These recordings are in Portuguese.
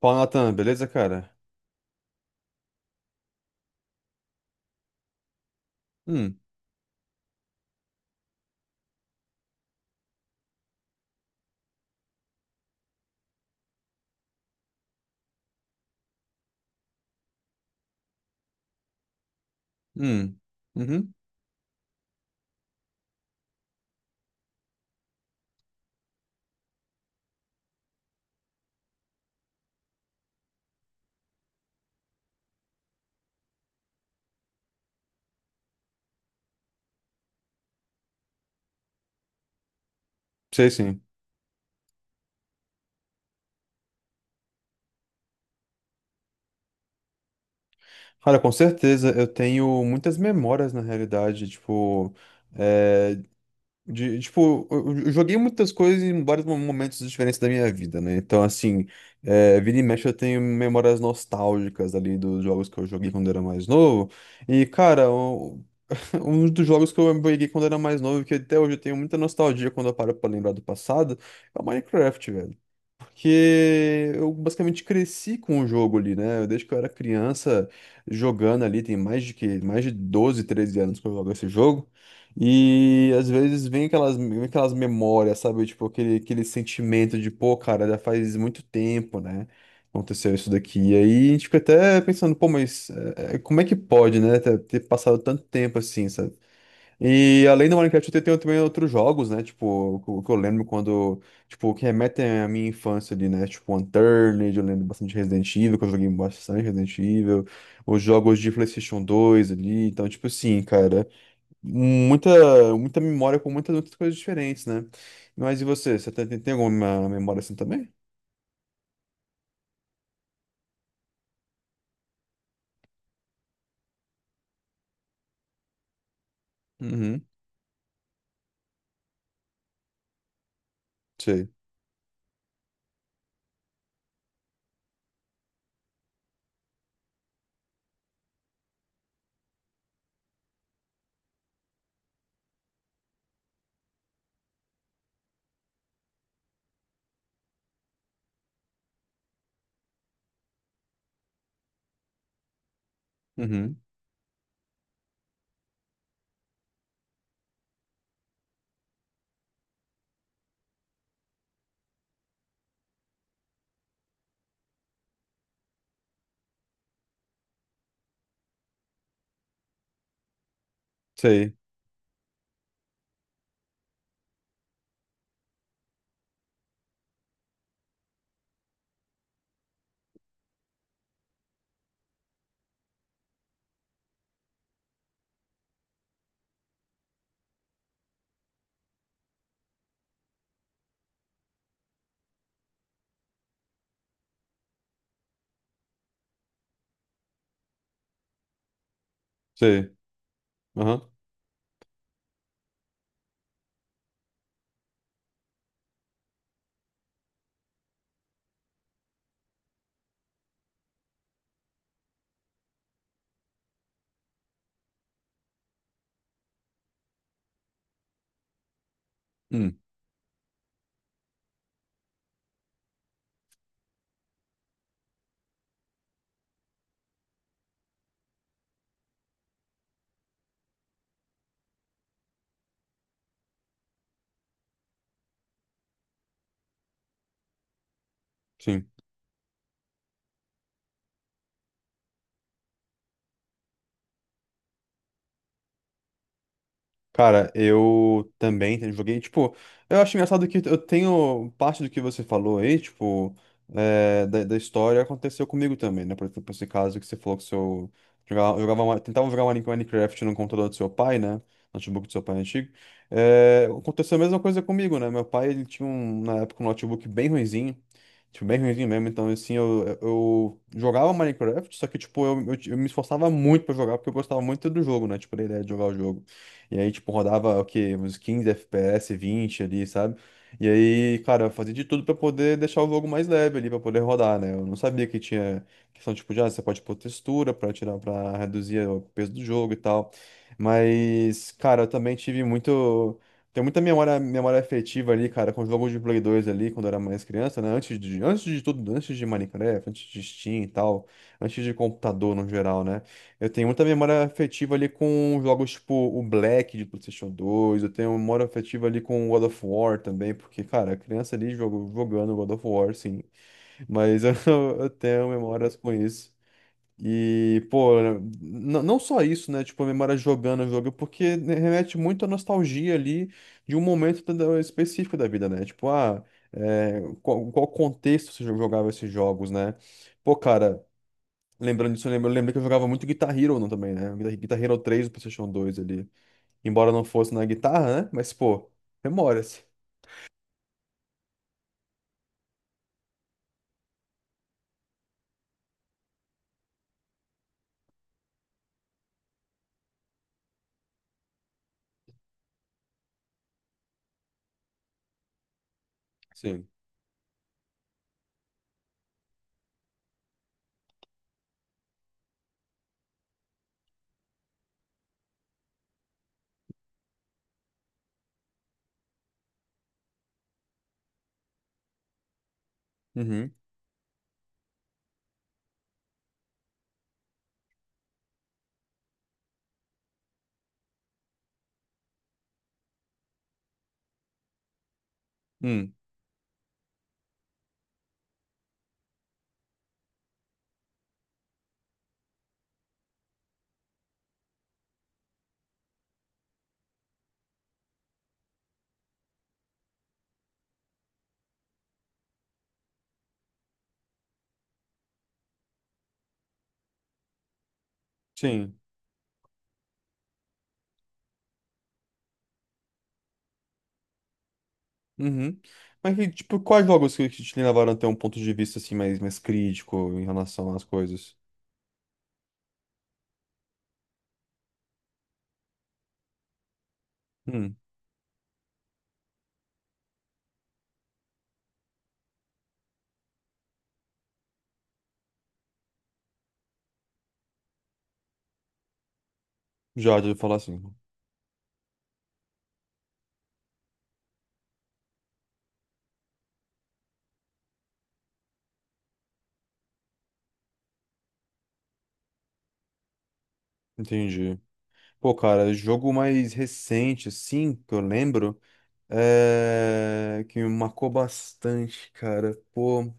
Fala, Natan, beleza, cara? Hum. Hum. Uhum. Sei sim. Cara, com certeza, eu tenho muitas memórias na realidade, tipo, é, de, tipo, eu joguei muitas coisas em vários momentos diferentes da minha vida, né? Então, assim, vira e mexe eu tenho memórias nostálgicas ali dos jogos que eu joguei quando era mais novo. E, cara, um dos jogos que eu joguei quando era mais novo, que até hoje eu tenho muita nostalgia quando eu paro pra lembrar do passado, é o Minecraft, velho. Porque eu basicamente cresci com o jogo ali, né? Desde que eu era criança jogando ali, tem mais de 12, 13 anos que eu jogo esse jogo. E às vezes vem aquelas memórias, sabe? Tipo, aquele sentimento de, pô, cara, já faz muito tempo, né? Aconteceu isso daqui. E aí a gente fica até pensando, pô, mas como é que pode, né? Ter passado tanto tempo assim, sabe? E além do Minecraft, eu tenho também outros jogos, né? Tipo, o que eu lembro quando. Tipo, que remetem à minha infância ali, né? Tipo, Unturned, eu lembro bastante Resident Evil, que eu joguei bastante Resident Evil. Os jogos de PlayStation 2 ali. Então, tipo assim, cara. Muita, muita memória com muitas outras coisas diferentes, né? Mas e você? Você tem alguma memória assim também? Uhum. Sei. Uhum. Sei. Sei. Aham. Hum. Sim. Cara, eu também joguei, tipo, eu acho engraçado que eu tenho parte do que você falou aí, tipo, da história aconteceu comigo também, né? Por exemplo, esse caso que você falou que seu tentava jogar uma Minecraft no computador do seu pai, né? Notebook do seu pai antigo. É, aconteceu a mesma coisa comigo, né? Meu pai, ele tinha um, na época um notebook bem ruinzinho, tipo, bem ruinzinho mesmo, então assim, eu jogava Minecraft, só que, tipo, eu me esforçava muito pra jogar, porque eu gostava muito do jogo, né? Tipo, da ideia de jogar o jogo. E aí, tipo, rodava o quê? Uns 15 FPS, 20 ali, sabe? E aí, cara, eu fazia de tudo pra poder deixar o jogo mais leve ali, pra poder rodar, né? Eu não sabia que tinha questão, tipo, de, ah, você pode pôr textura pra tirar, pra reduzir o peso do jogo e tal. Mas, cara, eu também tive muito. Tem muita memória, memória afetiva ali, cara, com jogos de Play 2 ali, quando eu era mais criança, né? Antes de tudo, antes de Minecraft, antes de Steam e tal, antes de computador no geral, né? Eu tenho muita memória afetiva ali com jogos tipo o Black de PlayStation 2. Eu tenho memória afetiva ali com God of War também, porque, cara, a criança ali jogando God of War, sim. Mas eu tenho memórias com isso. E, pô, não só isso, né? Tipo, a memória jogando o jogo, porque né, remete muito à nostalgia ali de um momento específico da vida, né? Tipo, ah, qual contexto você jogava esses jogos, né? Pô, cara. Lembrando disso, eu lembrei que eu jogava muito Guitar Hero no também, né? Guitar Hero 3 do PlayStation 2 ali. Embora não fosse na guitarra, né? Mas, pô, memórias. Sim. Uhum. Hum. Sim. Uhum. Mas, e, tipo, quais jogos que te levaram a ter um ponto de vista, assim, mais crítico em relação às coisas? Hum. Já, de falar assim. Entendi. Pô, cara, jogo mais recente, assim, que eu lembro, é, que me marcou bastante, cara. Pô.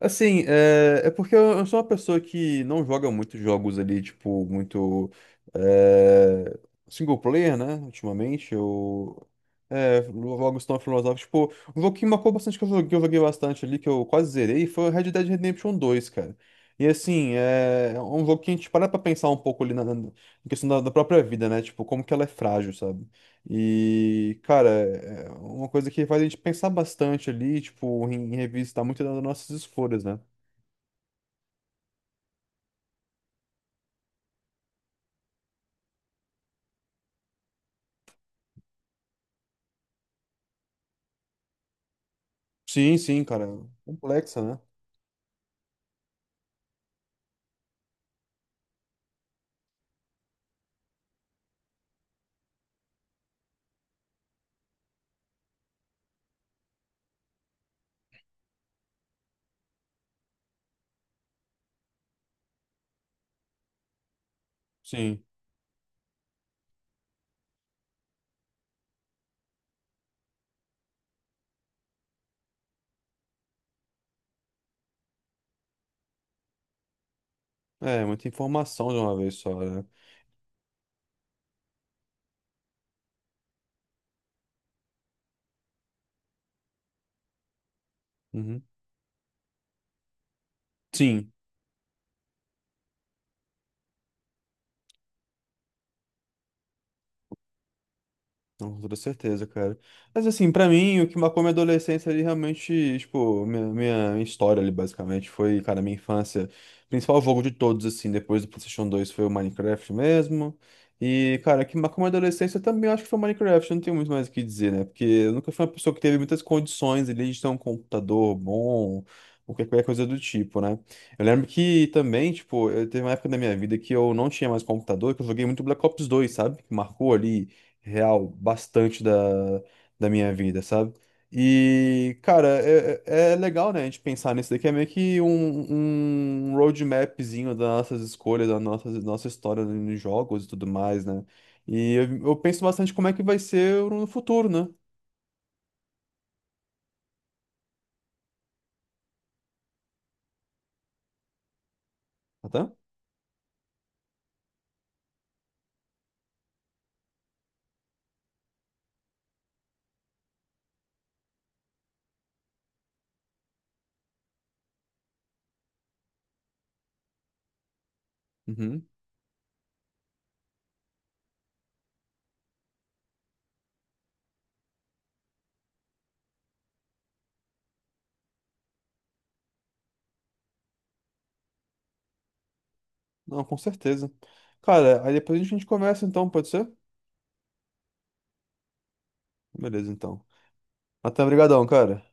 Assim, é porque eu sou uma pessoa que não joga muitos jogos ali, tipo, muito é, single player, né? Ultimamente, eu jogos tão filosóficos. Tipo, um jogo que marcou bastante, que eu joguei bastante ali, que eu quase zerei, foi o Red Dead Redemption 2 cara. E assim, é um jogo que a gente para pra pensar um pouco ali na questão da própria vida, né? Tipo, como que ela é frágil, sabe? E, cara, é uma coisa que faz a gente pensar bastante ali, tipo, em revistar muito das nossas escolhas, né? Sim, sim, cara. Complexa, né? Sim. É, muita informação de uma vez só, né? Uhum. Sim. Não, com toda certeza, cara. Mas assim, pra mim, o que marcou minha adolescência ali realmente, tipo, minha história ali, basicamente, foi, cara, minha infância. O principal jogo de todos, assim, depois do PlayStation 2 foi o Minecraft mesmo. E, cara, o que marcou minha adolescência também eu acho que foi o Minecraft, eu não tenho muito mais o que dizer, né? Porque eu nunca fui uma pessoa que teve muitas condições ali de ter um computador bom, ou qualquer coisa do tipo, né? Eu lembro que também, tipo, eu teve uma época da minha vida que eu não tinha mais computador, que eu joguei muito Black Ops 2, sabe? Que marcou ali real bastante da minha vida, sabe? E, cara, é legal, né, a gente pensar nisso daqui, é meio que um roadmapzinho das nossas escolhas, nossa história nos jogos e tudo mais, né? E eu penso bastante como é que vai ser no futuro, né? Até? Uhum. Não, com certeza. Cara, aí depois a gente conversa então, pode ser? Beleza, então. Até, obrigadão, cara.